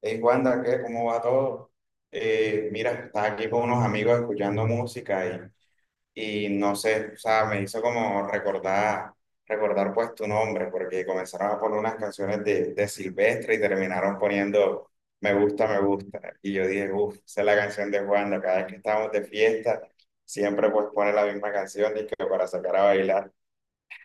Hey, Wanda, ¿qué? ¿Cómo va todo? Mira, estaba aquí con unos amigos escuchando música y no sé, o sea, me hizo como recordar pues tu nombre, porque comenzaron a poner unas canciones de Silvestre y terminaron poniendo "Me gusta, me gusta". Y yo dije, uff, esa es la canción de Wanda. Cada vez que estamos de fiesta, siempre pues pone la misma canción y que para sacar a bailar.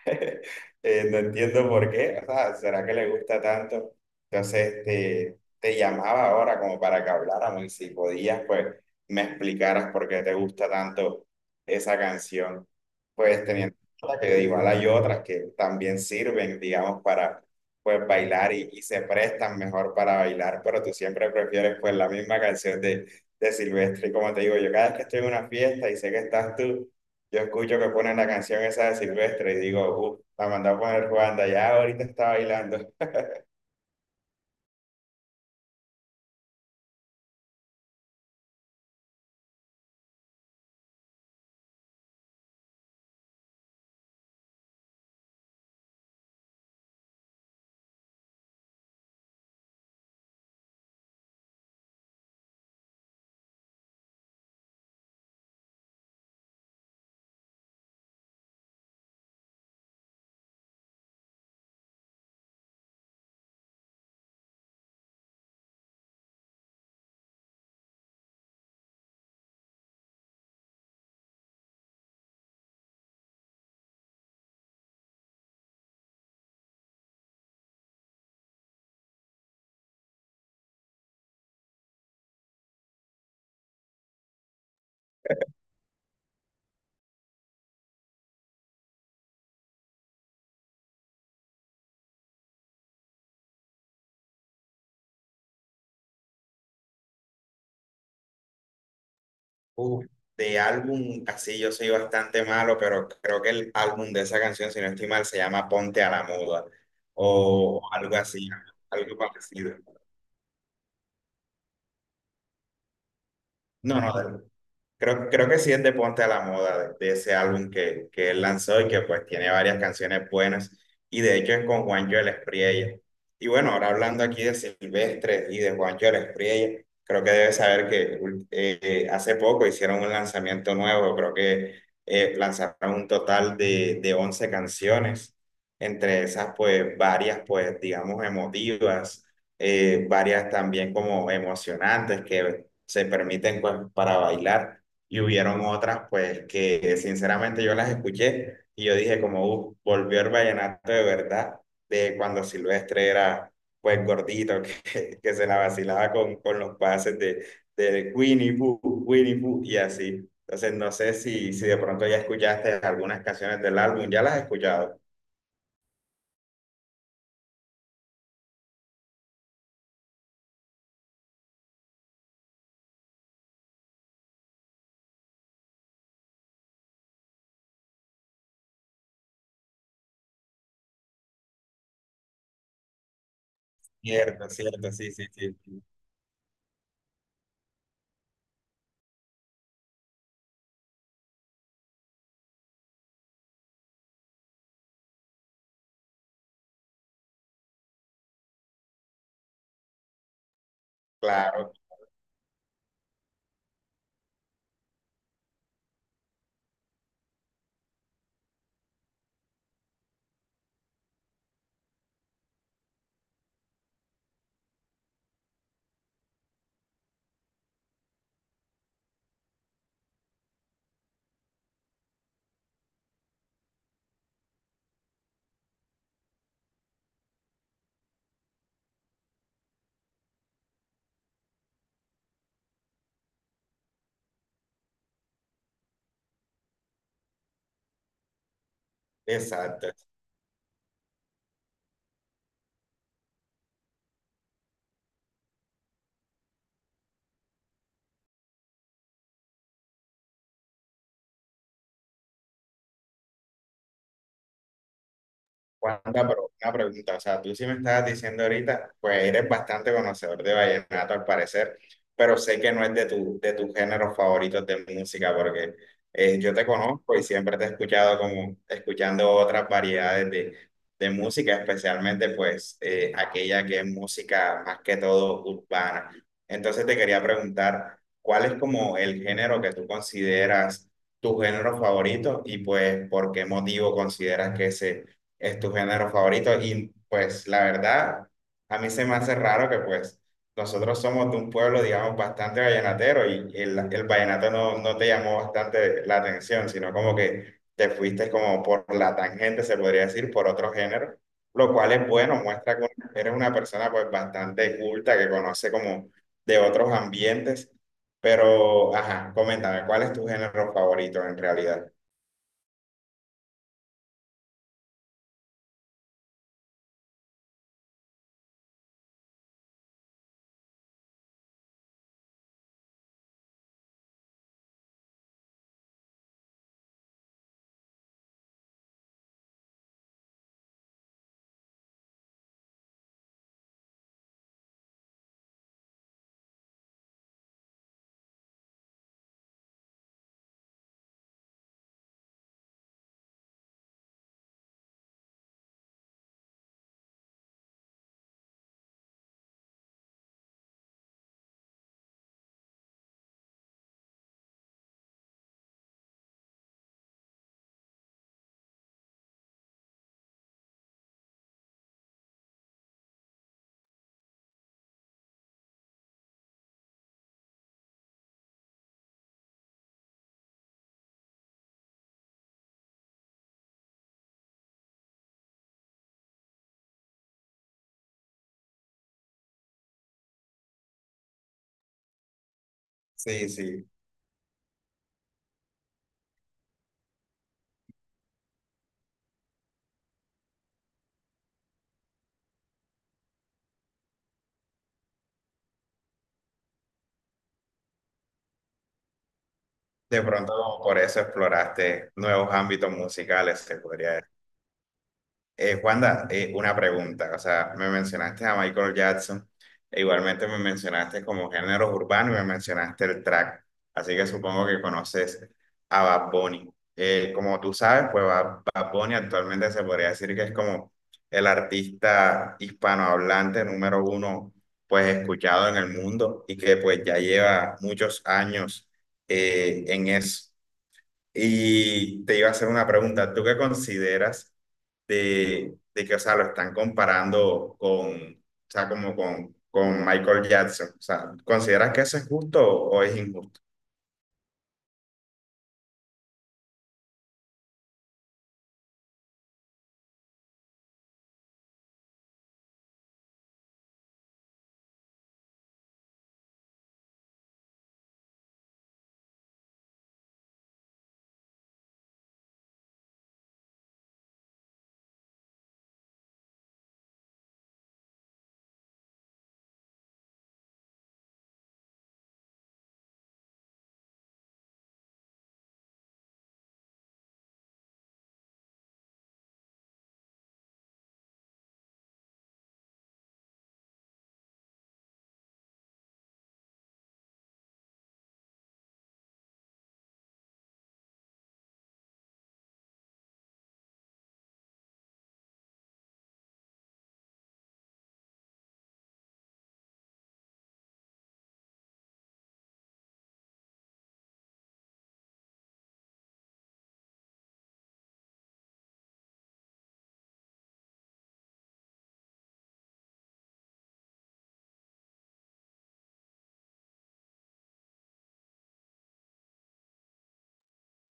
No entiendo por qué, o sea, ¿será que le gusta tanto? Entonces te llamaba ahora como para que habláramos y si podías, pues me explicaras por qué te gusta tanto esa canción. Pues teniendo en cuenta que igual hay otras que también sirven, digamos, para pues bailar y se prestan mejor para bailar, pero tú siempre prefieres pues la misma canción de Silvestre. Y como te digo, yo cada vez que estoy en una fiesta y sé que estás tú, yo escucho que ponen la canción esa de Silvestre y digo, uff, la mandó a poner Juanda, ya ahorita está bailando. Uff, de álbum, así yo soy bastante malo, pero creo que el álbum de esa canción, si no estoy mal, se llama Ponte a la Muda o algo así, algo parecido. No, no, creo que sí es de Ponte a la Moda, de ese álbum que él lanzó y que pues tiene varias canciones buenas. Y de hecho es con Juancho el Espriella. Y bueno, ahora hablando aquí de Silvestre y de Juancho el Espriella, creo que debes saber que hace poco hicieron un lanzamiento nuevo, creo que lanzaron un total de 11 canciones. Entre esas pues varias pues digamos emotivas, varias también como emocionantes que se permiten pues para bailar y hubieron otras pues que sinceramente yo las escuché y yo dije como volvió el vallenato de verdad de cuando Silvestre era pues gordito" que se la vacilaba con los pases de Winnie Pooh, Winnie Pooh y así. Entonces no sé si de pronto ya escuchaste algunas canciones del álbum, ya las has escuchado. Cierto, cierto, sí, sí, sí, sí. Claro, exacto. Juanpa, pero una pregunta, o sea, tú sí me estabas diciendo ahorita, pues eres bastante conocedor de vallenato al parecer, pero sé que no es de tu, de tus géneros favoritos de música, porque yo te conozco y siempre te he escuchado como escuchando otras variedades de música, especialmente pues aquella que es música más que todo urbana. Entonces te quería preguntar, ¿cuál es como el género que tú consideras tu género favorito y pues por qué motivo consideras que ese es tu género favorito? Y pues la verdad, a mí se me hace raro que pues nosotros somos de un pueblo, digamos, bastante vallenatero y el vallenato no, no te llamó bastante la atención, sino como que te fuiste como por la tangente, se podría decir, por otro género, lo cual es bueno, muestra que eres una persona pues bastante culta, que conoce como de otros ambientes, pero, ajá, coméntame, ¿cuál es tu género favorito en realidad? Sí, sí. De pronto por eso exploraste nuevos ámbitos musicales, se podría decir. Juanda, una pregunta, o sea, me mencionaste a Michael Jackson, e igualmente me mencionaste como géneros urbanos y me mencionaste el track, así que supongo que conoces a Bad Bunny. Como tú sabes, pues Bad Bunny actualmente se podría decir que es como el artista hispanohablante número uno, pues escuchado en el mundo y que pues ya lleva muchos años en eso. Y te iba a hacer una pregunta, ¿tú qué consideras de que, o sea, lo están comparando con, o sea, como con Michael Jackson? O sea, ¿consideras que eso es justo o es injusto?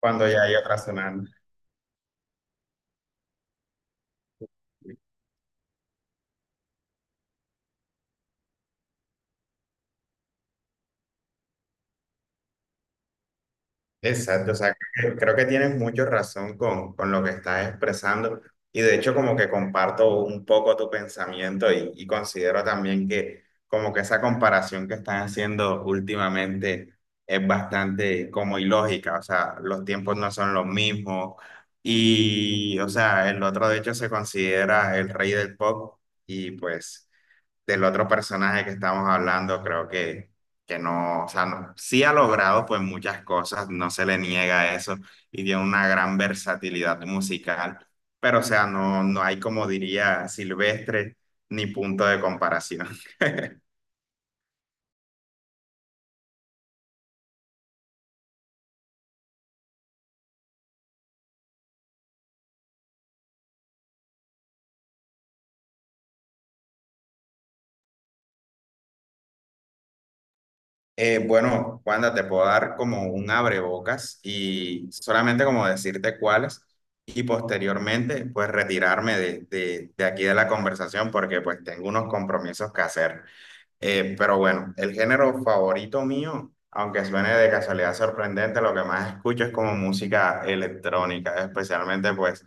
Cuando ya hay otra. Exacto, o sea, creo que tienes mucho razón con lo que estás expresando, y de hecho como que comparto un poco tu pensamiento y considero también que como que esa comparación que están haciendo últimamente es bastante como ilógica, o sea, los tiempos no son los mismos y, o sea, el otro de hecho se considera el rey del pop y pues del otro personaje que estamos hablando, creo que no, o sea, no- sí ha logrado pues muchas cosas, no se le niega eso y tiene una gran versatilidad musical, pero o sea, no, no hay como diría Silvestre ni punto de comparación. Bueno, Wanda, te puedo dar como un abrebocas y solamente como decirte cuáles y posteriormente pues retirarme de aquí de la conversación porque pues tengo unos compromisos que hacer. Pero bueno, el género favorito mío, aunque suene de casualidad sorprendente, lo que más escucho es como música electrónica, especialmente pues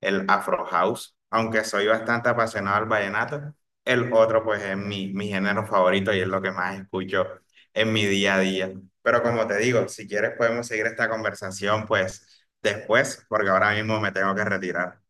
el Afro House. Aunque soy bastante apasionado al vallenato, el otro pues es mi, mi género favorito y es lo que más escucho en mi día a día. Pero como te digo, si quieres podemos seguir esta conversación pues después, porque ahora mismo me tengo que retirar.